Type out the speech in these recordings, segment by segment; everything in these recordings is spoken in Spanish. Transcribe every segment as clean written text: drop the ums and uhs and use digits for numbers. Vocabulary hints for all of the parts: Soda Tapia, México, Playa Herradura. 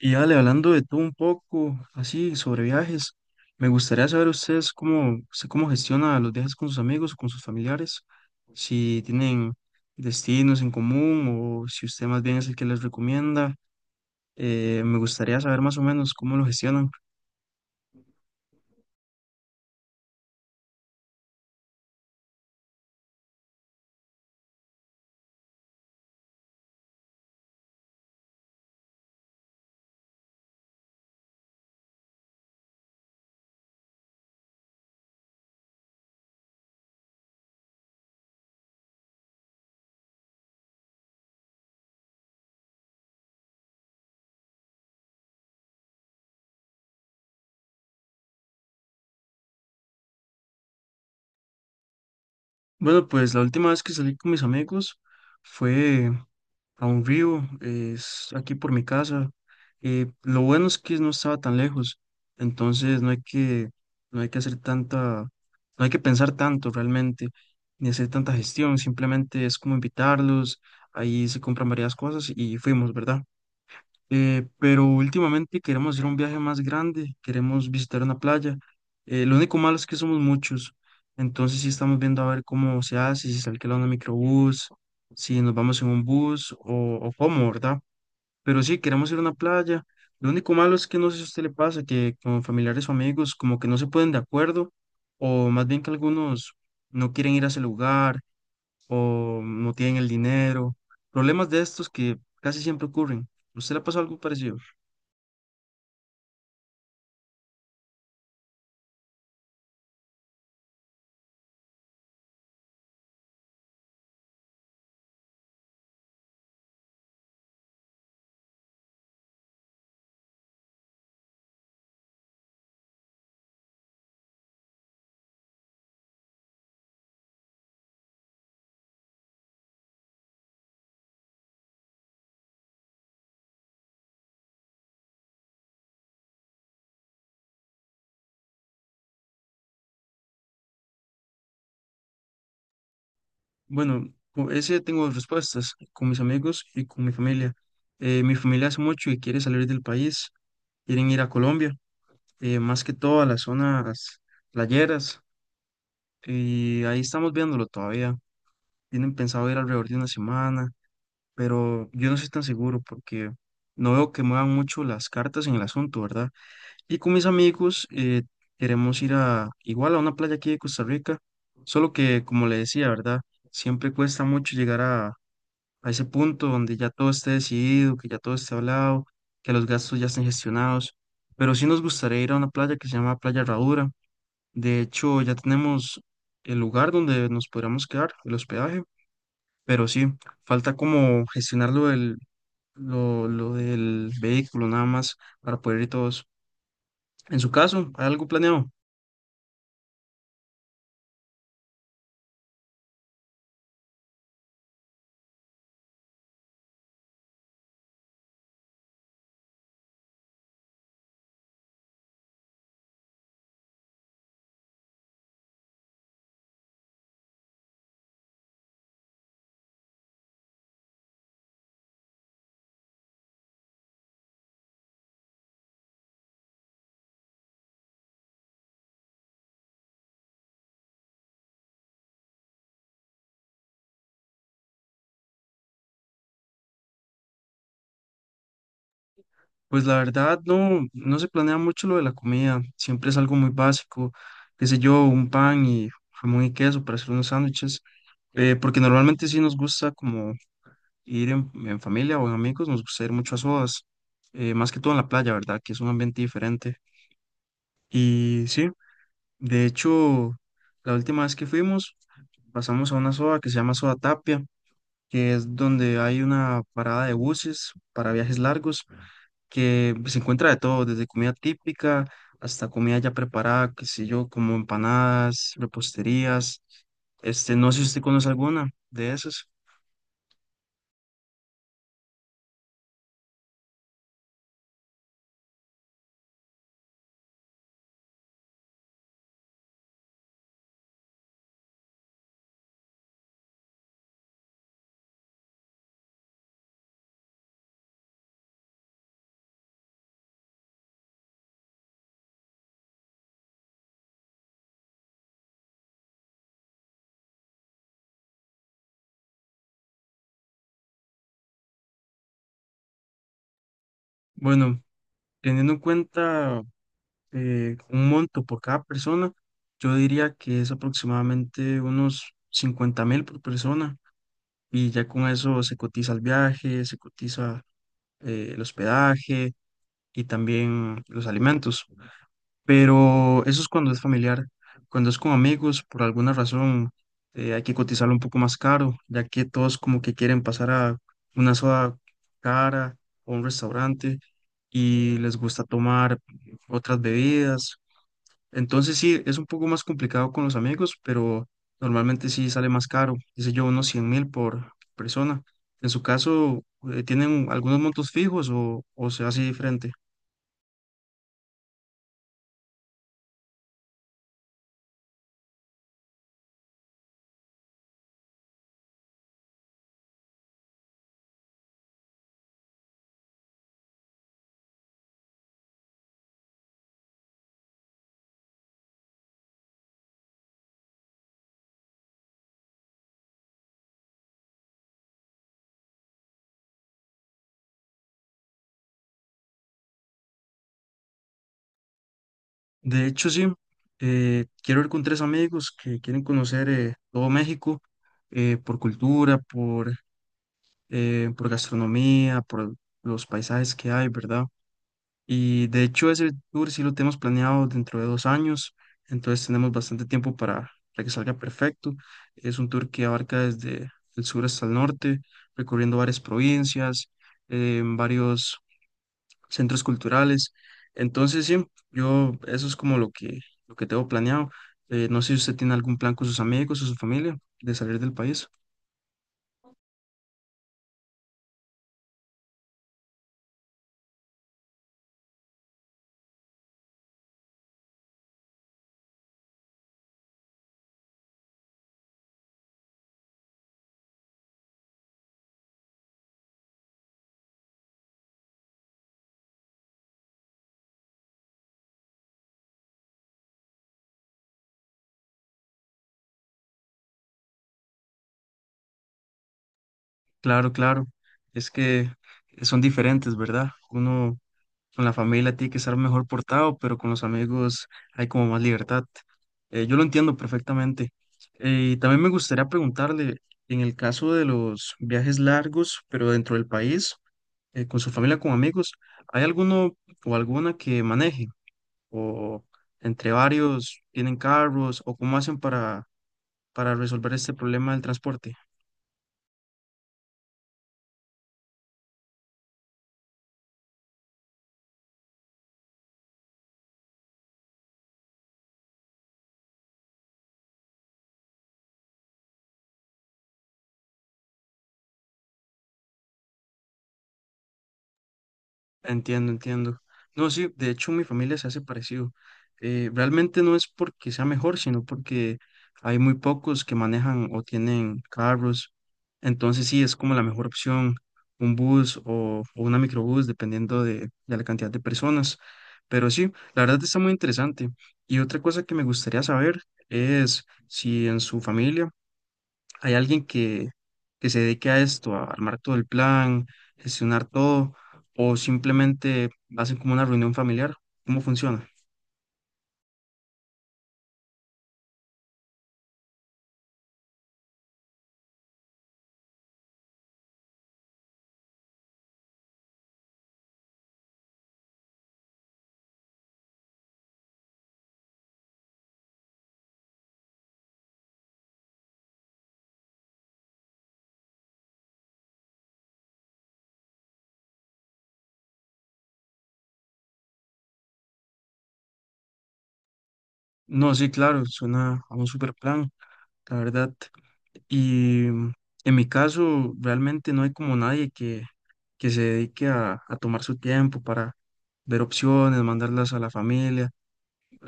Y dale, hablando de todo un poco, así sobre viajes, me gustaría saber usted cómo gestiona los viajes con sus amigos o con sus familiares, si tienen destinos en común o si usted más bien es el que les recomienda. Me gustaría saber más o menos cómo lo gestionan. Bueno, pues la última vez que salí con mis amigos fue a un río, es aquí por mi casa. Lo bueno es que no estaba tan lejos, entonces no hay que hacer tanta, no hay que pensar tanto realmente, ni hacer tanta gestión, simplemente es como invitarlos, ahí se compran varias cosas y fuimos, ¿verdad? Pero últimamente queremos hacer un viaje más grande, queremos visitar una playa. Lo único malo es que somos muchos, entonces sí estamos viendo a ver cómo se hace, si se alquila un microbús, si nos vamos en un bus o cómo, ¿verdad? Pero sí, queremos ir a una playa. Lo único malo es que no sé si a usted le pasa que con familiares o amigos como que no se ponen de acuerdo o más bien que algunos no quieren ir a ese lugar o no tienen el dinero. Problemas de estos que casi siempre ocurren. ¿Usted le ha pasado algo parecido? Bueno, con ese tengo respuestas con mis amigos y con mi familia. Mi familia hace mucho y quiere salir del país, quieren ir a Colombia, más que todo a las zonas playeras, y ahí estamos viéndolo todavía. Tienen pensado ir alrededor de una semana, pero yo no estoy tan seguro porque no veo que muevan mucho las cartas en el asunto, ¿verdad? Y con mis amigos queremos ir a igual a una playa aquí de Costa Rica, solo que como le decía, ¿verdad? Siempre cuesta mucho llegar a ese punto donde ya todo esté decidido, que ya todo esté hablado, que los gastos ya estén gestionados. Pero sí nos gustaría ir a una playa que se llama Playa Herradura. De hecho, ya tenemos el lugar donde nos podríamos quedar, el hospedaje, pero sí, falta como gestionar lo del vehículo nada más para poder ir todos. En su caso, ¿hay algo planeado? Pues la verdad no se planea mucho lo de la comida, siempre es algo muy básico, qué sé yo, un pan y jamón y queso para hacer unos sándwiches, porque normalmente sí nos gusta como ir en familia o en amigos, nos gusta ir mucho a sodas, más que todo en la playa, ¿verdad? Que es un ambiente diferente. Y sí, de hecho, la última vez que fuimos, pasamos a una soda que se llama Soda Tapia, que es donde hay una parada de buses para viajes largos que pues, se encuentra de todo, desde comida típica hasta comida ya preparada, qué sé yo, como empanadas, reposterías. Este, no sé si usted conoce alguna de esas. Bueno, teniendo en cuenta un monto por cada persona, yo diría que es aproximadamente unos 50.000 por persona. Y ya con eso se cotiza el viaje, se cotiza el hospedaje y también los alimentos. Pero eso es cuando es familiar. Cuando es con amigos, por alguna razón, hay que cotizarlo un poco más caro, ya que todos como que quieren pasar a una soda cara o un restaurante y les gusta tomar otras bebidas. Entonces sí, es un poco más complicado con los amigos, pero normalmente sí sale más caro, dice yo, unos 100.000 por persona. En su caso, ¿tienen algunos montos fijos o se hace diferente? De hecho, sí, quiero ir con tres amigos que quieren conocer todo México por, cultura, por gastronomía, por los paisajes que hay, ¿verdad? Y de hecho ese tour sí lo tenemos planeado dentro de 2 años, entonces tenemos bastante tiempo para que salga perfecto. Es un tour que abarca desde el sur hasta el norte, recorriendo varias provincias, varios centros culturales. Entonces, sí, yo eso es como lo que tengo planeado. No sé si usted tiene algún plan con sus amigos o su familia de salir del país. Claro, claro. Es que son diferentes, ¿verdad? Uno con la familia tiene que estar mejor portado, pero con los amigos hay como más libertad. Yo lo entiendo perfectamente. Y también me gustaría preguntarle, en el caso de los viajes largos, pero dentro del país, con su familia, con amigos, ¿hay alguno o alguna que maneje? ¿O entre varios tienen carros? ¿O cómo hacen para resolver este problema del transporte? Entiendo, entiendo. No, sí, de hecho mi familia se hace parecido. Realmente no es porque sea mejor, sino porque hay muy pocos que manejan o tienen carros. Entonces sí, es como la mejor opción, un bus o una microbús, dependiendo de la cantidad de personas. Pero sí, la verdad está muy interesante. Y otra cosa que me gustaría saber es si en su familia hay alguien que se dedique a esto, a armar todo el plan, gestionar todo, o simplemente hacen como una reunión familiar. ¿Cómo funciona? No, sí, claro, suena a un super plan, la verdad. Y mm, en mi caso, realmente no hay como nadie que se dedique a tomar su tiempo para ver opciones, mandarlas a la familia.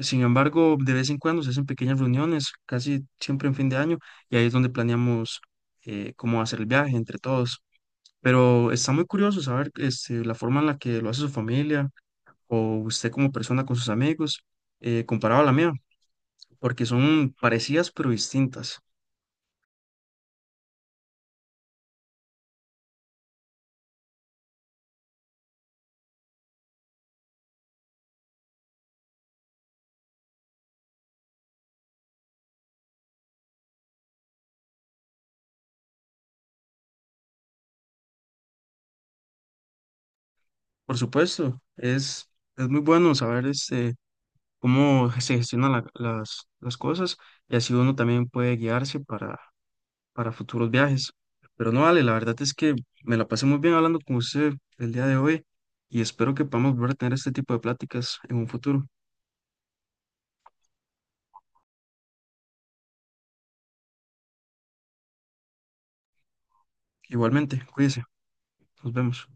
Sin embargo, de vez en cuando se hacen pequeñas reuniones, casi siempre en fin de año, y ahí es donde planeamos cómo hacer el viaje entre todos. Pero está muy curioso saber este, la forma en la que lo hace su familia o usted como persona con sus amigos comparado a la mía, porque son parecidas pero distintas. Por supuesto, es muy bueno saber este, cómo se gestionan las cosas y así uno también puede guiarse para futuros viajes. Pero no vale, la verdad es que me la pasé muy bien hablando con usted el día de hoy y espero que podamos volver a tener este tipo de pláticas en un futuro. Igualmente, cuídese, nos vemos.